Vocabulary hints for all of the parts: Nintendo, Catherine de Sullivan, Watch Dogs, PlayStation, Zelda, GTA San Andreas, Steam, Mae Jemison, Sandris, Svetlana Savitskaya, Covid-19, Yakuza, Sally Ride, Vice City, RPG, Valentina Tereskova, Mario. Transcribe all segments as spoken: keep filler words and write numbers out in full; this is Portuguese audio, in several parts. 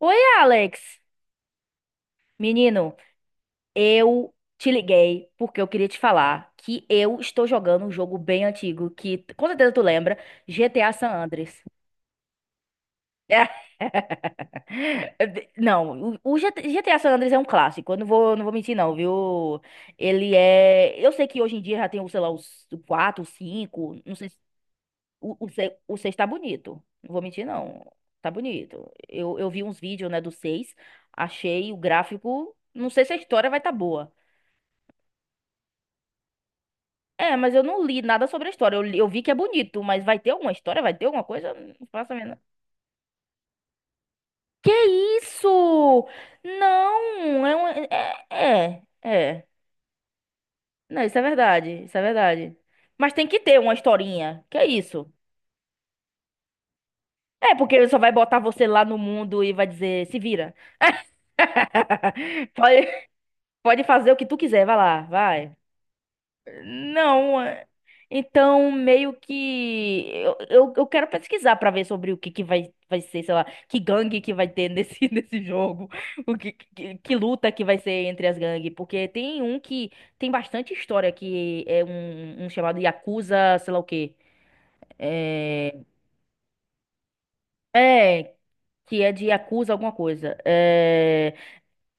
Oi, Alex. Menino, eu te liguei porque eu queria te falar que eu estou jogando um jogo bem antigo que com certeza tu lembra, G T A San Andreas. Não, o o G T A San Andreas é um clássico, eu não vou, não vou mentir não, viu? Ele é, eu sei que hoje em dia já tem, sei lá, os quatro, cinco, não sei. O, o, se- o seis tá bonito. Não vou mentir, não. Tá bonito. Eu, eu vi uns vídeos, né, do seis. Achei o gráfico. Não sei se a história vai tá boa. É, mas eu não li nada sobre a história. Eu, li- eu vi que é bonito, mas vai ter alguma história? Vai ter alguma coisa? Não faço a menor. Que isso? Não. é, um, é, é, é. é, Não, isso é verdade, isso é verdade. Mas tem que ter uma historinha. Que é isso? É, porque ele só vai botar você lá no mundo e vai dizer, se vira. Pode- Pode fazer o que tu quiser, vai lá, vai. Não, é- então meio que eu, eu, eu quero pesquisar pra ver sobre o que que vai, vai ser, sei lá, que gangue que vai ter nesse, nesse jogo, o que, que, que luta que vai ser entre as gangues, porque tem um que tem bastante história que é um, um chamado Yakuza, sei lá o quê. É, é, que é de Yakuza alguma coisa. É,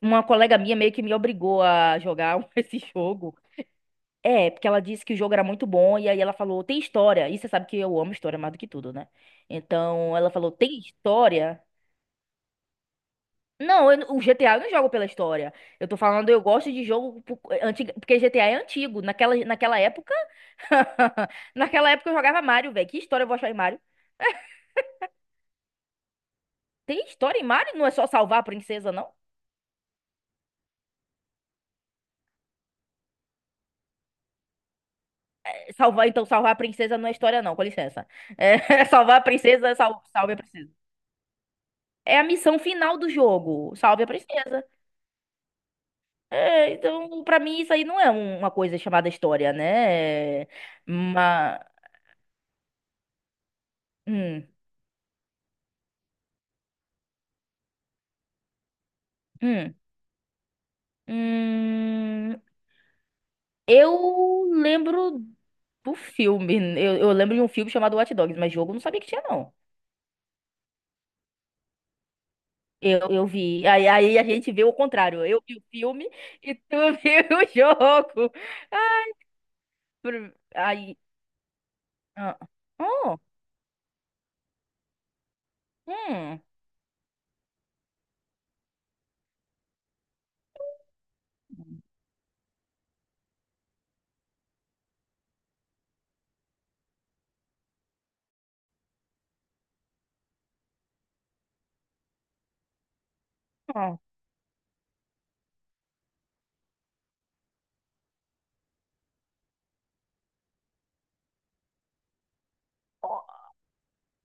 uma colega minha meio que me obrigou a jogar esse jogo. É, porque ela disse que o jogo era muito bom, e aí ela falou, tem história. E você sabe que eu amo história mais do que tudo, né? Então ela falou, tem história? Não, eu não- o G T A eu não jogo pela história. Eu tô falando, eu gosto de jogo por- eh, antiga- porque G T A é antigo. Naquela, naquela época. Naquela época eu jogava Mario, velho. Que história eu vou achar em Mario? Tem história em Mario? Não é só salvar a princesa, não? É, Salvar, então, salvar a princesa não é história, não, com licença. É, salvar a princesa, sal- salve a princesa. É a missão final do jogo. Salve a princesa. É, então, pra mim, isso aí não é um- uma coisa chamada história, né? Mas. Hum, hum, hum, eu lembro do filme. Eu, eu lembro de um filme chamado Watch Dogs, mas jogo eu não sabia que tinha, não. Eu, eu vi. Aí, aí a gente vê o contrário. Eu vi o filme e tu viu o jogo. Pro- Aí. ah, Oh, hum, ah,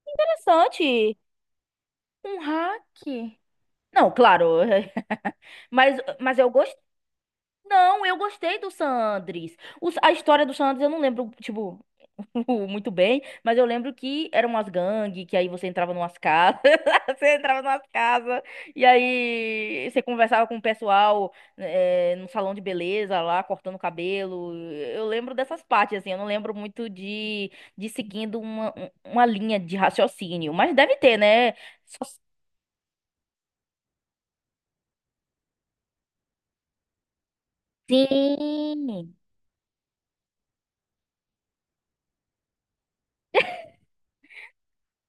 Interessante. Um hack. Não, claro. Mas, mas eu gosto. Não, eu gostei do Sandris. A história do Sandris eu não lembro, tipo, muito bem, mas eu lembro que eram umas gangues, que aí você entrava numas casas, você entrava numas casas, e aí você conversava com o pessoal eh, no salão de beleza lá, cortando o cabelo. Eu lembro dessas partes, assim, eu não lembro muito de, de, seguindo uma, uma linha de raciocínio, mas deve ter, né? Só- Sim.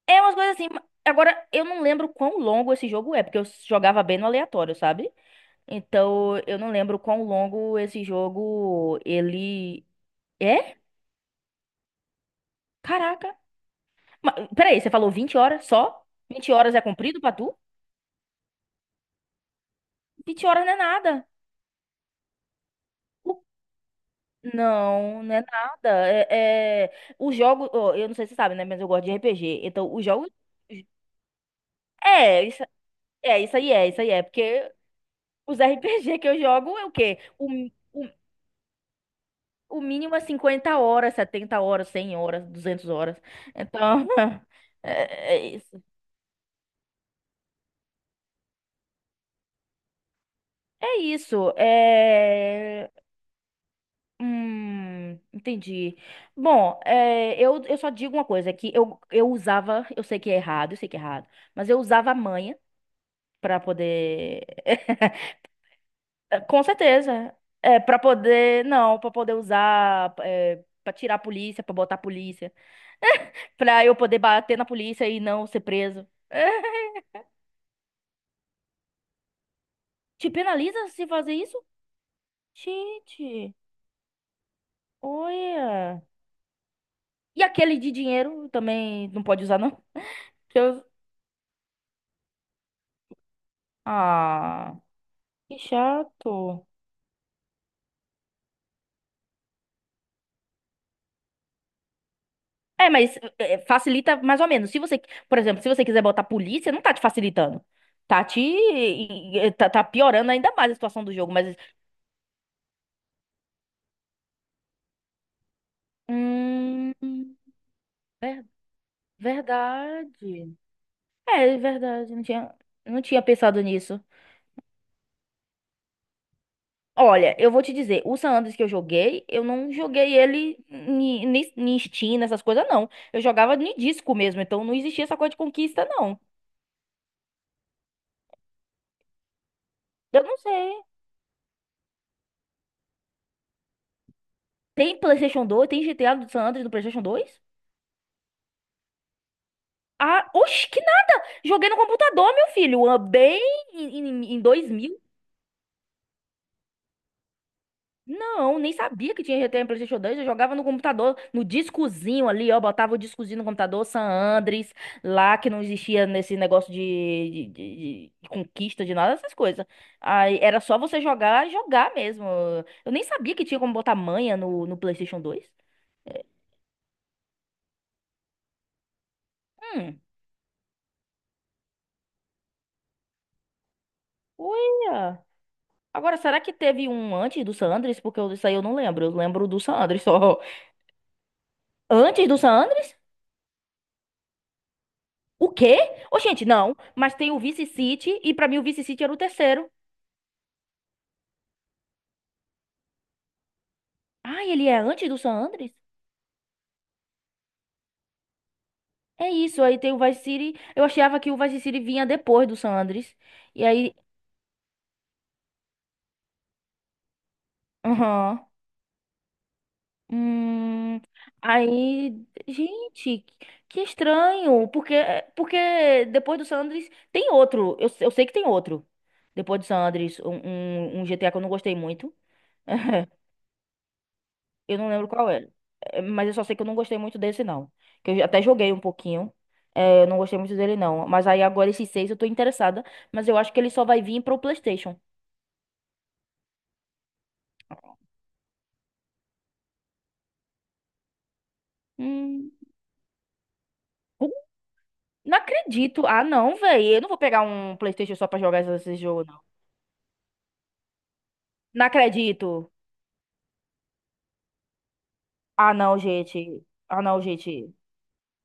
É umas coisas assim. ma- Agora, eu não lembro quão longo esse jogo é, porque eu jogava bem no aleatório, sabe? Então, eu não lembro quão longo esse jogo ele é. Caraca. Mas, peraí, você falou vinte horas só? Vinte horas é comprido pra tu? Vinte horas não é nada. O- Não, não é nada. É, é... O jogo, ó, eu não sei se você sabe, né? Mas eu gosto de R P G. Então, os jogos. É, isso, é, isso aí é, isso aí é. Porque os R P G que eu jogo é o quê? O O mínimo é cinquenta horas, setenta horas, cem horas, duzentas horas. Então, é, é isso. É isso. É... Hum, entendi. Bom, é, eu, eu só digo uma coisa, é que eu, eu usava, eu sei que é errado, eu sei que é errado, mas eu usava a manha pra poder... Com certeza. É, para poder... Não, pra poder usar... É, pra tirar a polícia, pra botar a polícia. Pra eu poder bater na polícia e não ser preso. Te penaliza se fazer isso? Gente, olha. E aquele de dinheiro também não pode usar, não? Que Eu- Ah, que chato. É, mas é, é, facilita mais ou menos. Se você, por exemplo, se você quiser botar polícia, não tá te facilitando. Tá te. Tá, tá piorando ainda mais a situação do jogo, mas. Hum, ver- Verdade. É, verdade. Não tinha, não tinha pensado nisso. Olha, eu vou te dizer, o San Andreas que eu joguei, eu não joguei ele ni- ni- em Steam, nessas coisas, não. Eu jogava em disco mesmo, então não existia essa coisa de conquista, não. Eu não sei. Tem PlayStation dois? Tem G T A do San Andreas do PlayStation dois? Ah, oxe, que nada! Joguei no computador, meu filho, ah, bem em, em, em dois mil. Não, nem sabia que tinha G T A em PlayStation dois. Eu jogava no computador, no discozinho ali, ó. Botava o discozinho no computador, San Andres, lá que não existia nesse negócio de, de, de- de conquista, de nada dessas coisas. Aí era só você jogar, jogar mesmo. Eu nem sabia que tinha como botar manha no, no PlayStation dois. Hum, uia. Agora, será que teve um antes do San Andres? Porque eu- isso aí eu não lembro. Eu lembro do San Andres só. Antes do San Andres? O quê? Ô, gente, não. Mas tem o Vice City, e pra mim o Vice City era o terceiro. Ah, ele é antes do San Andres? É isso, aí tem o Vice City. Eu achava que o Vice City vinha depois do San Andres. E aí. Aham. Hum, aí. Gente, que estranho. Porque, é, porque depois do San Andres tem outro. Eu, eu sei que tem outro. Depois do San Andres, um, um, um G T A que eu não gostei muito. Eu não lembro qual era. É, mas eu só sei que eu não gostei muito desse, não. Que eu até joguei um pouquinho. É, eu não gostei muito dele, não. Mas aí agora esses seis eu tô interessada. Mas eu acho que ele só vai vir pro PlayStation. Hum, Como? Não acredito. Ah, não, velho. Eu não vou pegar um PlayStation só pra jogar esse esse jogo, não. Não acredito. Ah, não, gente. Ah, não, gente.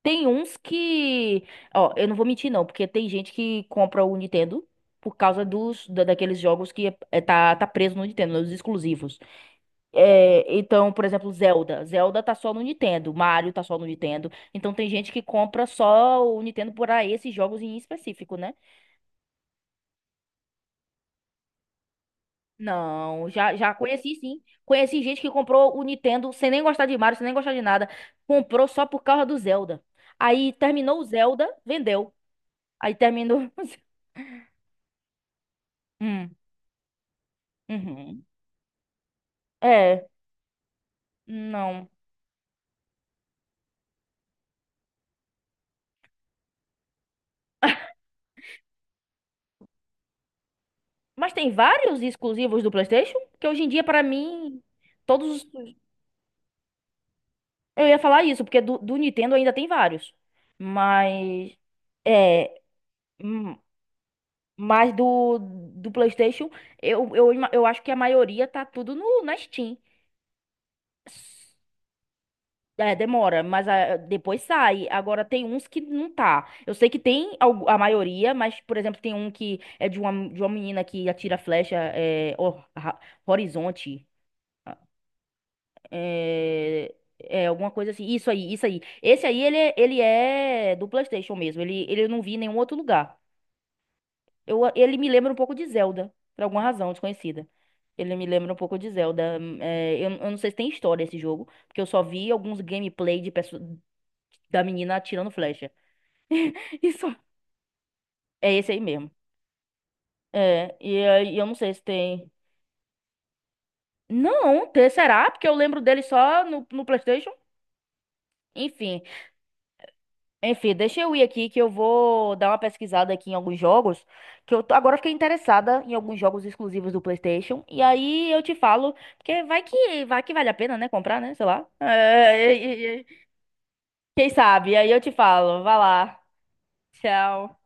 Tem uns que. Ó, eu não vou mentir, não. Porque tem gente que compra o Nintendo por causa dos, da- daqueles jogos que é, é- tá, tá preso no Nintendo, dos exclusivos. É, então, por exemplo, Zelda. Zelda tá só no Nintendo, Mario tá só no Nintendo. Então tem gente que compra só o Nintendo por para esses jogos em específico, né? Não, já, já conheci sim. Conheci gente que comprou o Nintendo sem nem gostar de Mario, sem nem gostar de nada. Comprou só por causa do Zelda. Aí terminou o Zelda, vendeu. Aí terminou. Hum, uhum. É, não. Mas tem vários exclusivos do PlayStation, que hoje em dia, pra mim, todos os. Eu ia falar isso, porque do, do Nintendo ainda tem vários. Mas. É. hum, Mas do, do PlayStation, eu, eu, ima- eu acho que a maioria tá tudo no, na Steam. S- É, demora, mas ah, depois sai. Agora tem uns que não tá. Eu sei que tem algu- a maioria, mas, por exemplo, tem um que é de uma, de uma, menina que atira flecha, é, hor- ra- horizonte. É, é alguma coisa assim. Isso aí, isso aí. Esse aí, ele, é- ele é do PlayStation mesmo. Ele, ele eu não vi em nenhum outro lugar. Eu, ele me lembra um pouco de Zelda, por alguma razão desconhecida. Ele me lembra um pouco de Zelda. Hum, é, eu, eu não sei se tem história esse jogo, porque eu só vi alguns gameplay de pesso- da menina atirando flecha. Isso é esse aí mesmo. É, e aí eu não sei se tem. Não, te- será? Porque eu lembro dele só no, no PlayStation. Enfim. Enfim, deixa eu ir aqui que eu vou dar uma pesquisada aqui em alguns jogos, que eu tô- agora fiquei interessada em alguns jogos exclusivos do PlayStation, e aí eu te falo, porque vai que vai que vale a pena, né, comprar, né, sei lá. É, e- e- e- Quem sabe? Aí eu te falo. Vai lá. Tchau.